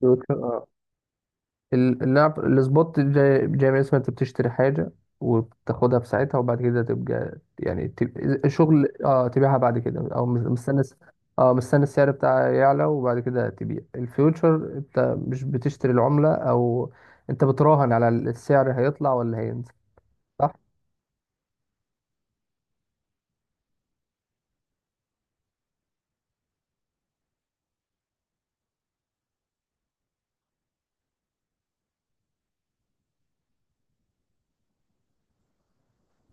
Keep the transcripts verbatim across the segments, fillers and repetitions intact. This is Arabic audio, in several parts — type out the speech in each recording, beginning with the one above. بيوتشر، اه. ال- اللعب السبوت جاي جاي من اسمها، انت بتشتري حاجة وبتاخدها في ساعتها، وبعد كده تبقى يعني تب... شغل اه تبيعها بعد كده، او مس- مستني الس- اه مستني السعر بتاعها يعلى، وبعد كده تبيع. الفيوتشر انت مش بتشتري العملة، او انت بتراهن على السعر هيطلع ولا هينزل، صح؟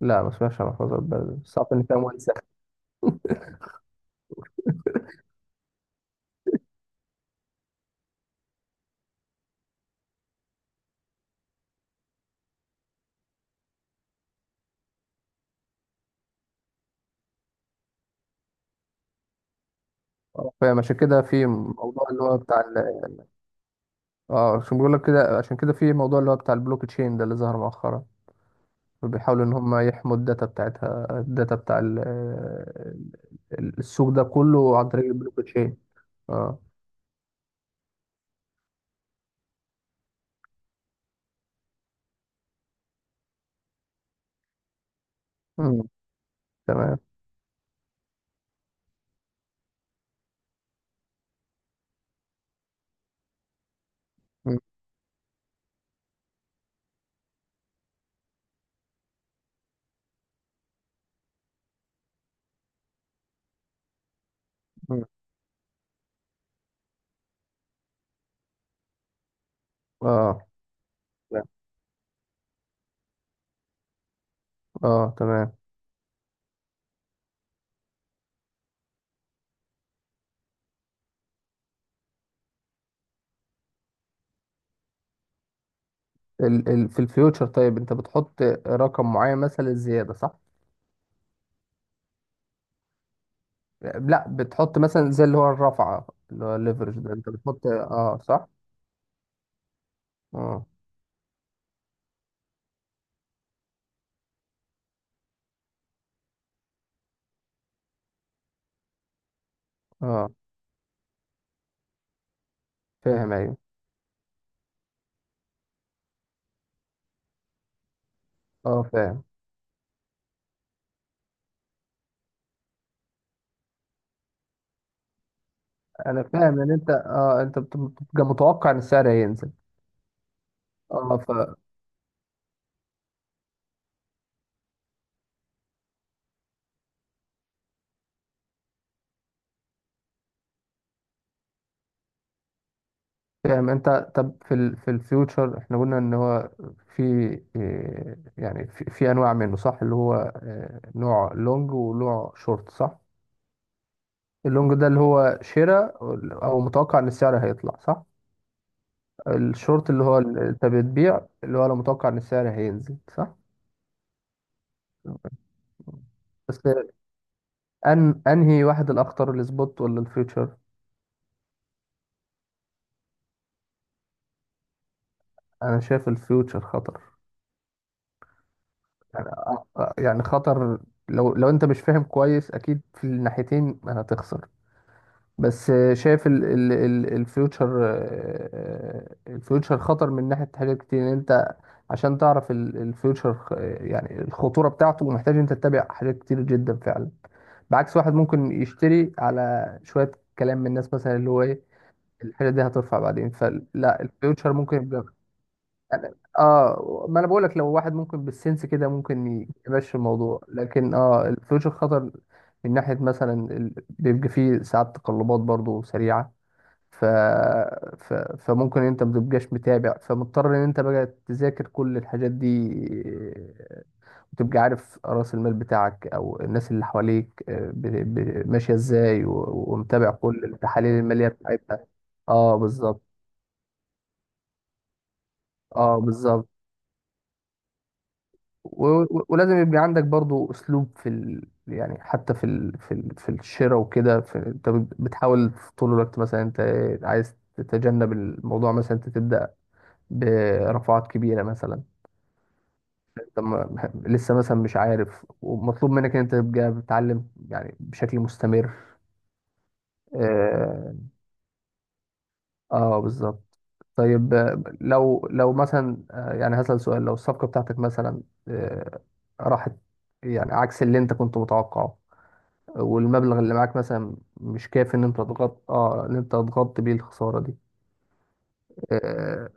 لا، ما اسمهاش محفظة البلد، صعب ان فيها مهندسة. آه، فاهم. عشان كده في موضوع اللي هو بتاع ال... اه عشان بقول لك كده، عشان كده في موضوع اللي هو بتاع البلوك تشين ده اللي ظهر مؤخرا. بيحاولوا ان هم يحموا الداتا بتاعتها، الداتا بتاع ال- ال- السوق ده كله عن طريق البلوك تشين. اه. مم. تمام. مم. مم. اه. تمام. اه، تمام. ال ال في الفيوتشر، طيب انت بتحط رقم معين مثلا للزياده، صح؟ لا، بتحط مثلا زي اللي هو الرفعه، اللي هو الليفرج ده انت بتحط، اه، صح. اه، اه، فاهم. ايوه، اه، فاهم. انا فاهم ان انت اه انت بت- بتبقى متوقع ان السعر هينزل. اه، فاهم انت. طب في ال في الفيوتشر احنا قلنا ان هو في إيه، يعني في, في انواع منه، صح؟ اللي هو آه، نوع لونج ونوع شورت، صح؟ اللونج ده اللي هو شراء، او متوقع ان السعر هيطلع، صح؟ الشورت اللي هو ال- انت بتبيع، اللي هو لو متوقع ان السعر هينزل، صح؟ بس، أن أنهي واحد الأخطر، السبوت ولا الفيوتشر؟ أنا شايف الفيوتشر خطر. يعني آه، آه، يعني خطر. لو لو أنت مش فاهم كويس، أكيد في الناحيتين هتخسر. بس آه، شايف ال ال ال الفيوتشر، آه، الفيوتشر خطر من ناحية حاجات كتير. ان انت عشان تعرف ال- الفيوتشر خ- يعني الخطورة بتاعته، محتاج انت تتابع حاجات كتير جدا فعلا. بعكس واحد ممكن يشتري على شوية كلام من الناس مثلا، اللي هو ايه، الحاجة دي هترفع بعدين. فلا الفيوتشر ممكن يبقى. أنا- اه ما انا بقول لك، لو واحد ممكن بالسنس كده ممكن يمشي الموضوع، لكن اه الفلوس الخطر من ناحية مثلا ال- بيبقى فيه ساعات تقلبات برضو سريعة. ف... ف... فممكن انت متبقاش متابع، فمضطر ان انت بقى تذاكر كل الحاجات دي، وتبقى عارف رأس المال بتاعك او الناس اللي حواليك آه، ب... ب... ماشية ازاي و... ومتابع كل التحاليل المالية بتاعتها. اه، بالظبط. اه، بالظبط. و- و- ولازم يبقى عندك برضو اسلوب في ال... يعني حتى في ال... في ال... في الشراء وكده، في... انت بت- بتحاول في طول الوقت مثلا انت عايز تتجنب الموضوع، مثلا انت تبدا برفعات كبيره مثلا، انت ما- لسه مثلا مش عارف، ومطلوب منك ان انت تبقى بتتعلم يعني بشكل مستمر. اه, آه بالظبط. طيب آه، لو لو مثلا آه، يعني هسأل سؤال. لو الصفقه بتاعتك مثلا آه، راحت، يعني عكس اللي انت كنت متوقعه، والمبلغ اللي معاك مثلا مش كافي ان انت تغطي، اه ان انت تغطي بيه الخساره دي. آه.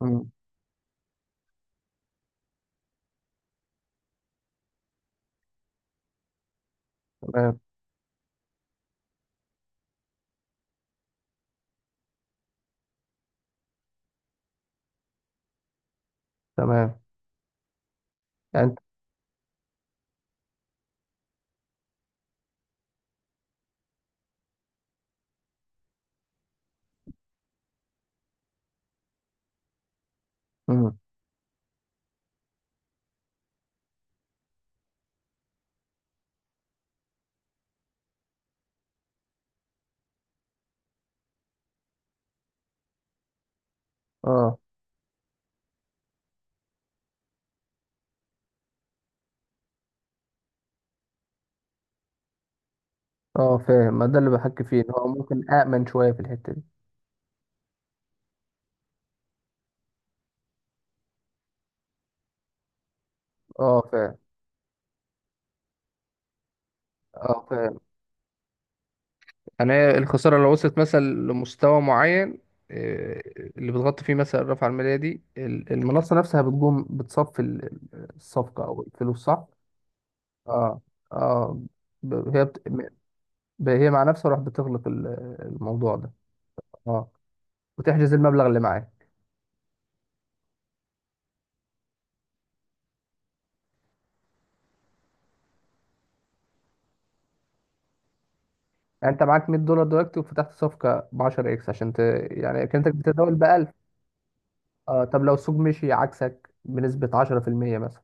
مم. تمام. تمام، يعني انت. مم. اه. اه، فاهم. ما ده اللي بحكي فيه ان هو ممكن امن شويه في الحته دي. اه، فاهم. اه، فاهم. يعني هي الخساره، لو وصلت مثلا لمستوى معين، آه، اللي بتغطي فيه مثلا الرفعه الماليه دي، ال- المنصه نفسها بتقوم بتصفي ال- الصفقه او الفلوس، صح؟ اه. اه. ب- هي بت... ب- هي مع نفسها راح بتغلق ال- الموضوع ده. اه، وتحجز المبلغ اللي معاك. يعني انت معاك مية دولار دلوقتي، وفتحت صفقة ب عشر اكس عشان ت... يعني كانتك بتتداول ب ألف. اه، طب لو السوق مشي عكسك بنسبة عشرة في المية مثلا،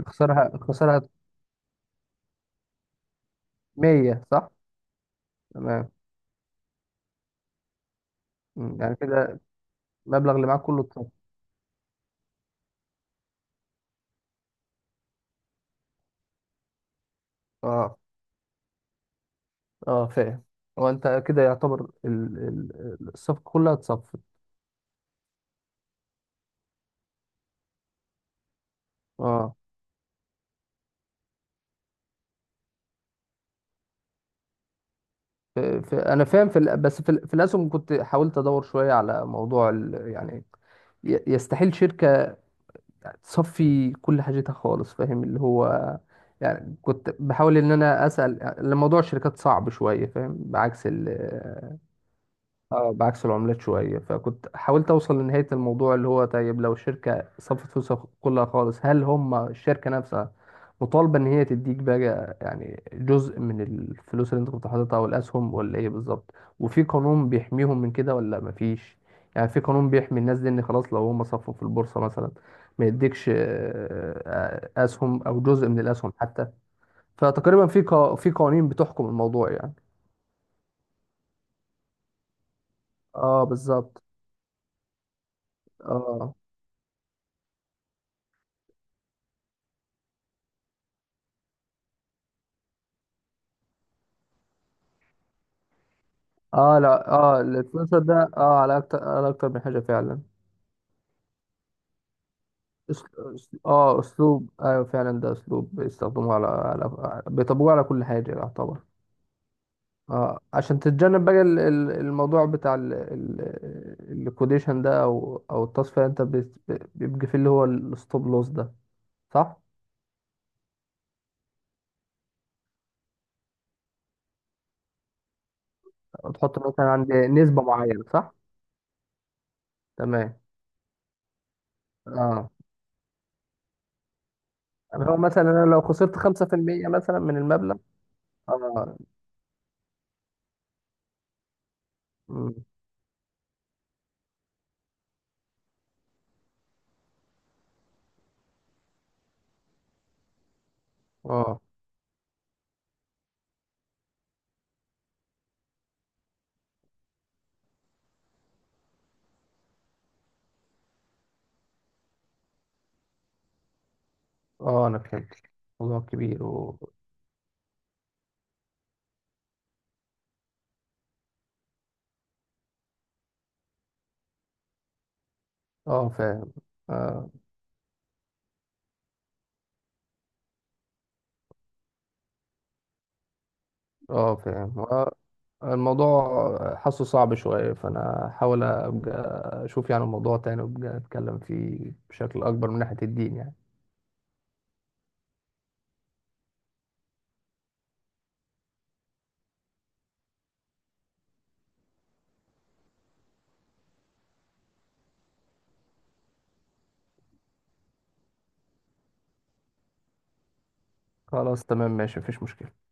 الخسارة الخسارة مية، صح؟ تمام. مم. يعني كده المبلغ اللي معاك كله اتصرف. اه. اه، فاهم. هو انت كده يعتبر ال... ال... الصفقة كلها اتصفت. اه. في... في... انا فاهم في ال... بس في, ال... في الاسهم كنت حاولت ادور شوية على موضوع ال... يعني ي- يستحيل شركة يعني تصفي كل حاجتها خالص، فاهم، اللي هو. يعني كنت بحاول ان انا اسال الموضوع، الشركات صعب شويه، فاهم، بعكس. اه، بعكس العملات شوية، فكنت حاولت أوصل لنهاية الموضوع اللي هو طيب، لو الشركة صفت فلوسها كلها خالص، هل هم الشركة نفسها مطالبة إن هي تديك بقى يعني جزء من الفلوس اللي أنت كنت حاططها أو الأسهم، ولا إيه بالظبط؟ وفي قانون بيحميهم من كده ولا مفيش؟ يعني في قانون بيحمي الناس دي إن خلاص لو هم صفوا في البورصة مثلا ما يديكش آه، آه، أسهم أو جزء من الأسهم حتى. فتقريبا في قا- في قوانين بتحكم الموضوع يعني. اه، بالظبط. اه. اه، لا، اه، الانفلونسر ده اه على اكتر على اكتر من حاجه فعلا. أس- أس- اه اسلوب، ايوه فعلا، ده اسلوب بيستخدموه على, على بيطبقوه على كل حاجه يعتبر. اه، عشان تتجنب بقى ال- ال- الموضوع بتاع ال- ال- الكوديشن ده، او او التصفيه، انت بت- بيبقى فيه اللي هو الستوب لوس ده، صح. تحط مثلا عند نسبه معينه، صح. تمام. اه، يعني هو مثلا انا لو خسرت خمسة في المية مثلا من المبلغ. اه. مم. اه. اه، انا فهمت. موضوع كبير و... اه، فاهم. اه. آه، فاهم. آه، الموضوع حاسه صعب شوية، فأنا هحاول أبقى أشوف يعني الموضوع تاني، وأبقى أتكلم فيه بشكل أكبر من ناحية الدين يعني. خلاص، تمام، ماشي، مفيش مشكلة.